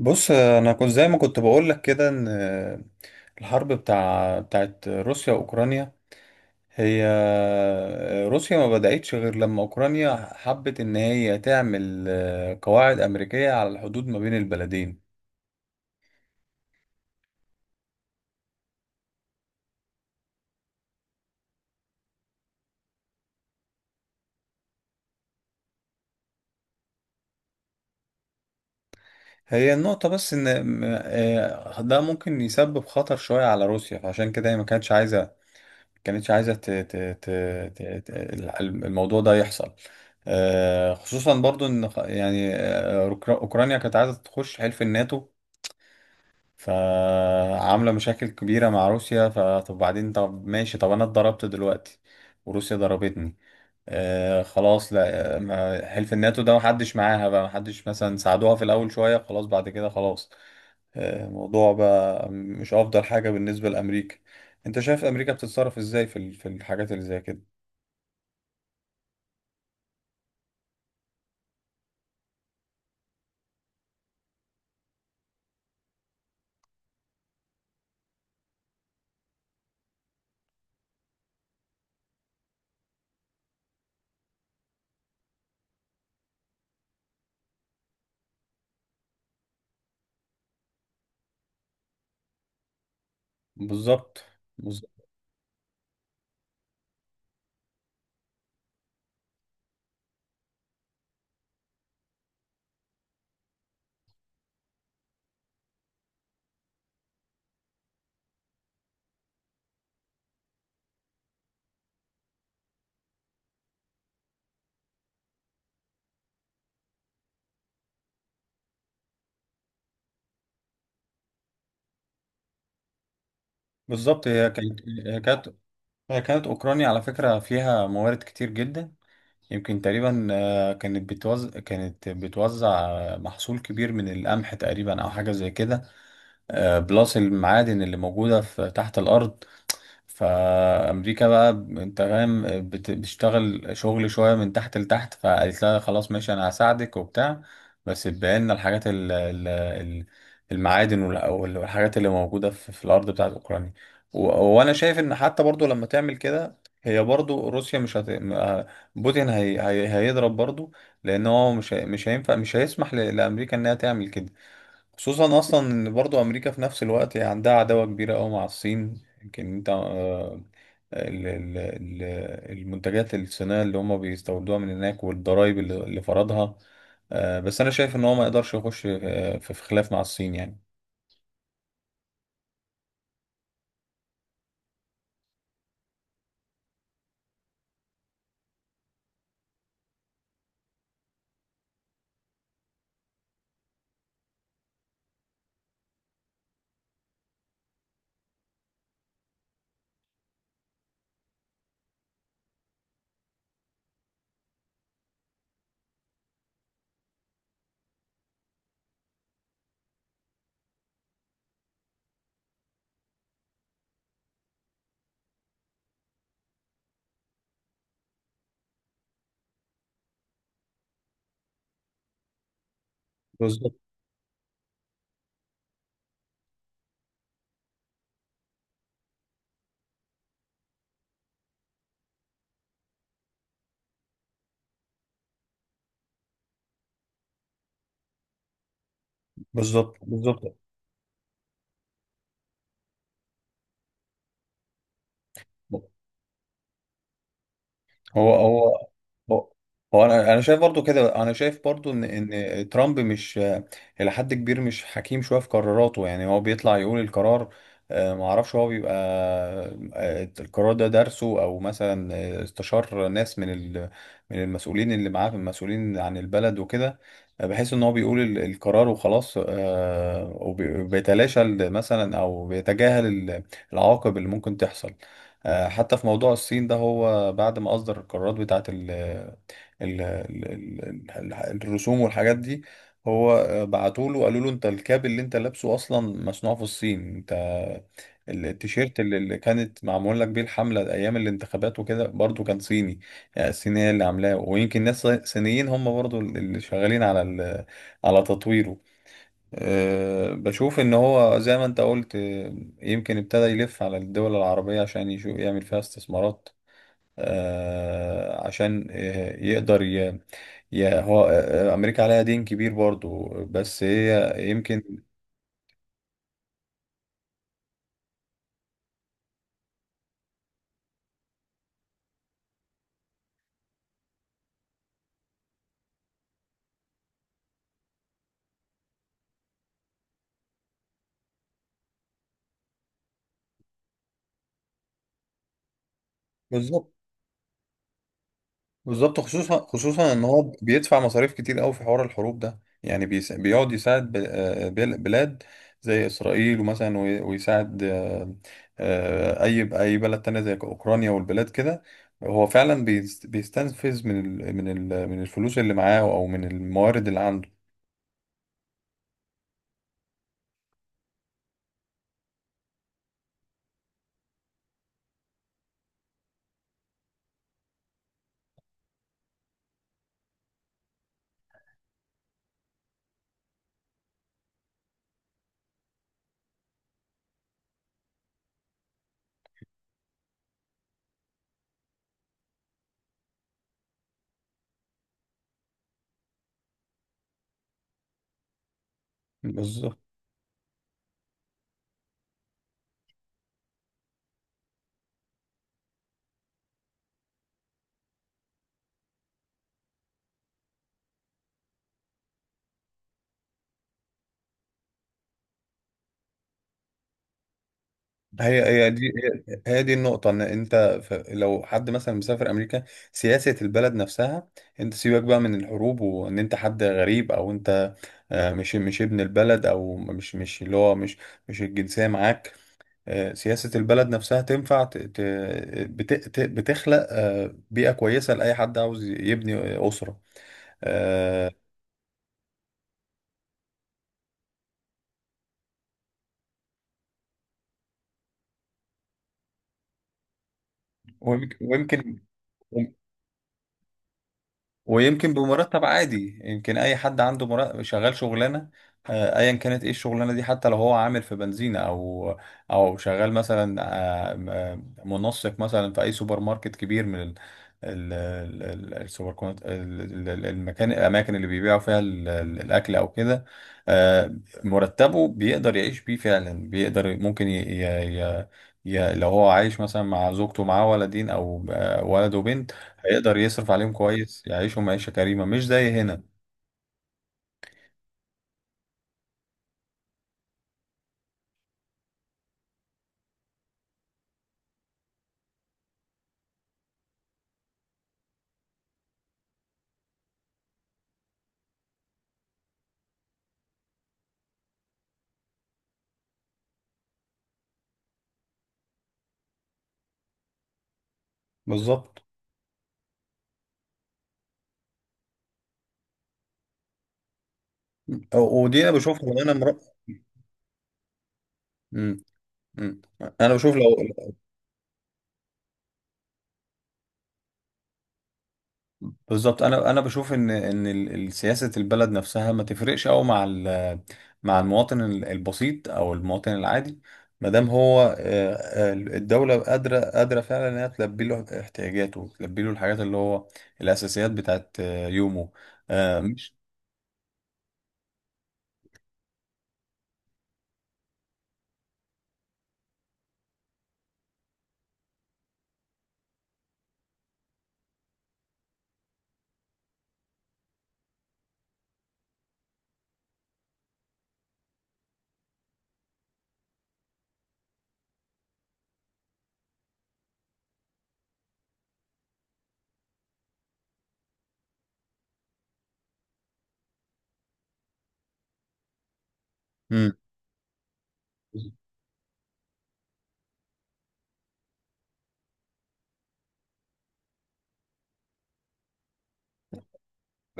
بص، انا كنت زي ما كنت بقول لك كده ان الحرب بتاعت روسيا واوكرانيا. هي روسيا ما بدأتش غير لما اوكرانيا حبت ان هي تعمل قواعد امريكية على الحدود ما بين البلدين. هي النقطة بس ان ده ممكن يسبب خطر شوية على روسيا، فعشان كده هي ما كانتش عايزة، كانتش عايزة ت... ت... ت... الموضوع ده يحصل. خصوصا برضو ان يعني اوكرانيا كانت عايزة تخش حلف الناتو، فعاملة مشاكل كبيرة مع روسيا. فطب بعدين طب ماشي طب انا اتضربت دلوقتي وروسيا ضربتني. خلاص، لا حلف الناتو ده محدش معاها بقى، محدش مثلا ساعدوها في الاول شوية خلاص بعد كده خلاص. الموضوع بقى مش افضل حاجة بالنسبة لامريكا. انت شايف امريكا بتتصرف ازاي في في الحاجات اللي زي كده؟ بالظبط، بالظبط، بالظبط. هي كانت هي كانت أوكرانيا على فكرة فيها موارد كتير جدا. يمكن تقريبا، كانت بتوزع محصول كبير من القمح تقريبا أو حاجة زي كده. بلس المعادن اللي موجودة في تحت الأرض. فامريكا بقى انت فاهم، بتشتغل شغل شويه من تحت لتحت، فقالت لها خلاص ماشي انا هساعدك وبتاع، بس تبقى لنا الحاجات المعادن والحاجات اللي موجوده في الارض بتاعت اوكرانيا. و- وانا شايف ان حتى برضو لما تعمل كده، هي برضو روسيا مش هت... م- آه، بوتين هيضرب برضو، لان هو مش هيسمح لامريكا انها تعمل كده. خصوصا اصلا ان برضو امريكا في نفس الوقت هي عندها عداوة كبيرة قوي مع الصين. يمكن انت ال- ال- ال- المنتجات الصينية اللي هم بيستوردوها من هناك والضرائب اللي فرضها. بس انا شايف ان هو ما يقدرش يخش في خلاف مع الصين يعني. بالظبط، بالظبط، بالظبط. هو هو هو هو انا شايف برضو ان ترامب مش الى حد كبير مش حكيم شويه في قراراته. يعني هو بيطلع يقول القرار، ما اعرفش هو بيبقى القرار ده درسه او مثلا استشار ناس من من المسؤولين اللي معاه، المسؤولين عن البلد وكده، بحيث ان هو بيقول القرار وخلاص. وبيتلاشى مثلا او بيتجاهل العواقب اللي ممكن تحصل. حتى في موضوع الصين ده، هو بعد ما أصدر القرارات بتاعة ال ال ال ال الرسوم والحاجات دي، هو بعتوا له قالوا له انت الكاب اللي انت لابسه اصلا مصنوع في الصين، انت التيشيرت اللي كانت معمول لك بيه الحملة ايام الانتخابات وكده برضو كان صيني. يعني الصينية اللي عاملاه ويمكن ناس صينيين هم برضو اللي شغالين على على تطويره. أه، بشوف ان هو زي ما انت قلت، يمكن ابتدى يلف على الدول العربية عشان يشوف يعمل فيها استثمارات. أه، عشان يقدر ي... ي... هو آه، امريكا عليها دين كبير برضو، بس هي يمكن. بالظبط، بالظبط. خصوصا، خصوصا ان هو بيدفع مصاريف كتير قوي في حوار الحروب ده، يعني بيقعد يساعد بلاد زي اسرائيل ومثلا، ويساعد اي بلد تانية زي اوكرانيا والبلاد كده. هو فعلا بيستنفذ من من الفلوس اللي معاه او من الموارد اللي عنده. بالظبط. هي هي دي هي هي دي النقطة. إن أنت لو حد مثلا مسافر أمريكا، سياسة البلد نفسها. أنت سيبك بقى من الحروب، وإن أنت حد غريب أو أنت مش ابن البلد، أو مش مش اللي هو مش مش الجنسية معاك. سياسة البلد نفسها تنفع بتخلق بيئة كويسة لأي حد عاوز يبني أسرة. آه، ويمك- ويمكن ويمكن بمرتب عادي. يمكن اي حد عنده مرتب، شغال شغلانه، ايا كانت ايه الشغلانه دي، حتى لو هو عامل في بنزينه، او شغال مثلا، آه، منسق مثلا في اي سوبر ماركت كبير، من السوبر كونت ال- ال- ال- المكان الاماكن اللي بيبيعوا فيها الاكل او كده. آه، مرتبه بيقدر يعيش بيه فعلا، بيقدر ممكن ي... ي... ي... ي- لو هو عايش مثلا مع زوجته معاه ولدين او ولد وبنت، هيقدر يصرف عليهم كويس، يعيشهم عيشة كريمة مش زي هنا. بالظبط. ودي انا بشوفها وانا مر... م- م. انا بشوف لو. بالظبط. انا بشوف ان سياسة البلد نفسها ما تفرقش قوي مع مع المواطن البسيط او المواطن العادي، ما دام هو الدولة قادرة فعلا انها تلبي له احتياجاته، تلبي له الحاجات اللي هو الاساسيات بتاعت يومه. آه، مش م.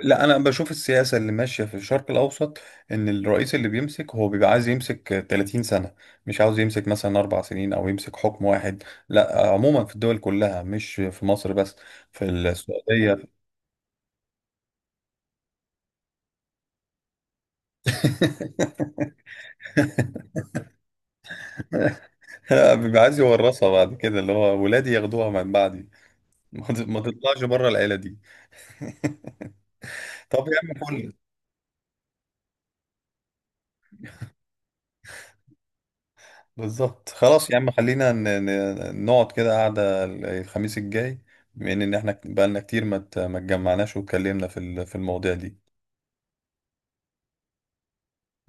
لا، انا بشوف السياسه اللي ماشيه في الشرق الاوسط ان الرئيس اللي بيمسك هو بيبقى عايز يمسك 30 سنه، مش عاوز يمسك مثلا 4 سنين او يمسك حكم واحد. لا، عموما في الدول كلها، مش في مصر بس، في السعوديه. بيبقى عايز يورثها بعد كده، اللي هو ولادي ياخدوها من بعدي، ما تطلعش بره العيله دي. طب يا عم فل. بالظبط. خلاص يا عم خلينا نقعد كده قعدة الخميس الجاي، بما ان احنا بقالنا كتير ما اتجمعناش واتكلمنا في في المواضيع دي.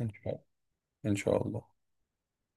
ان شاء الله، إن شاء الله.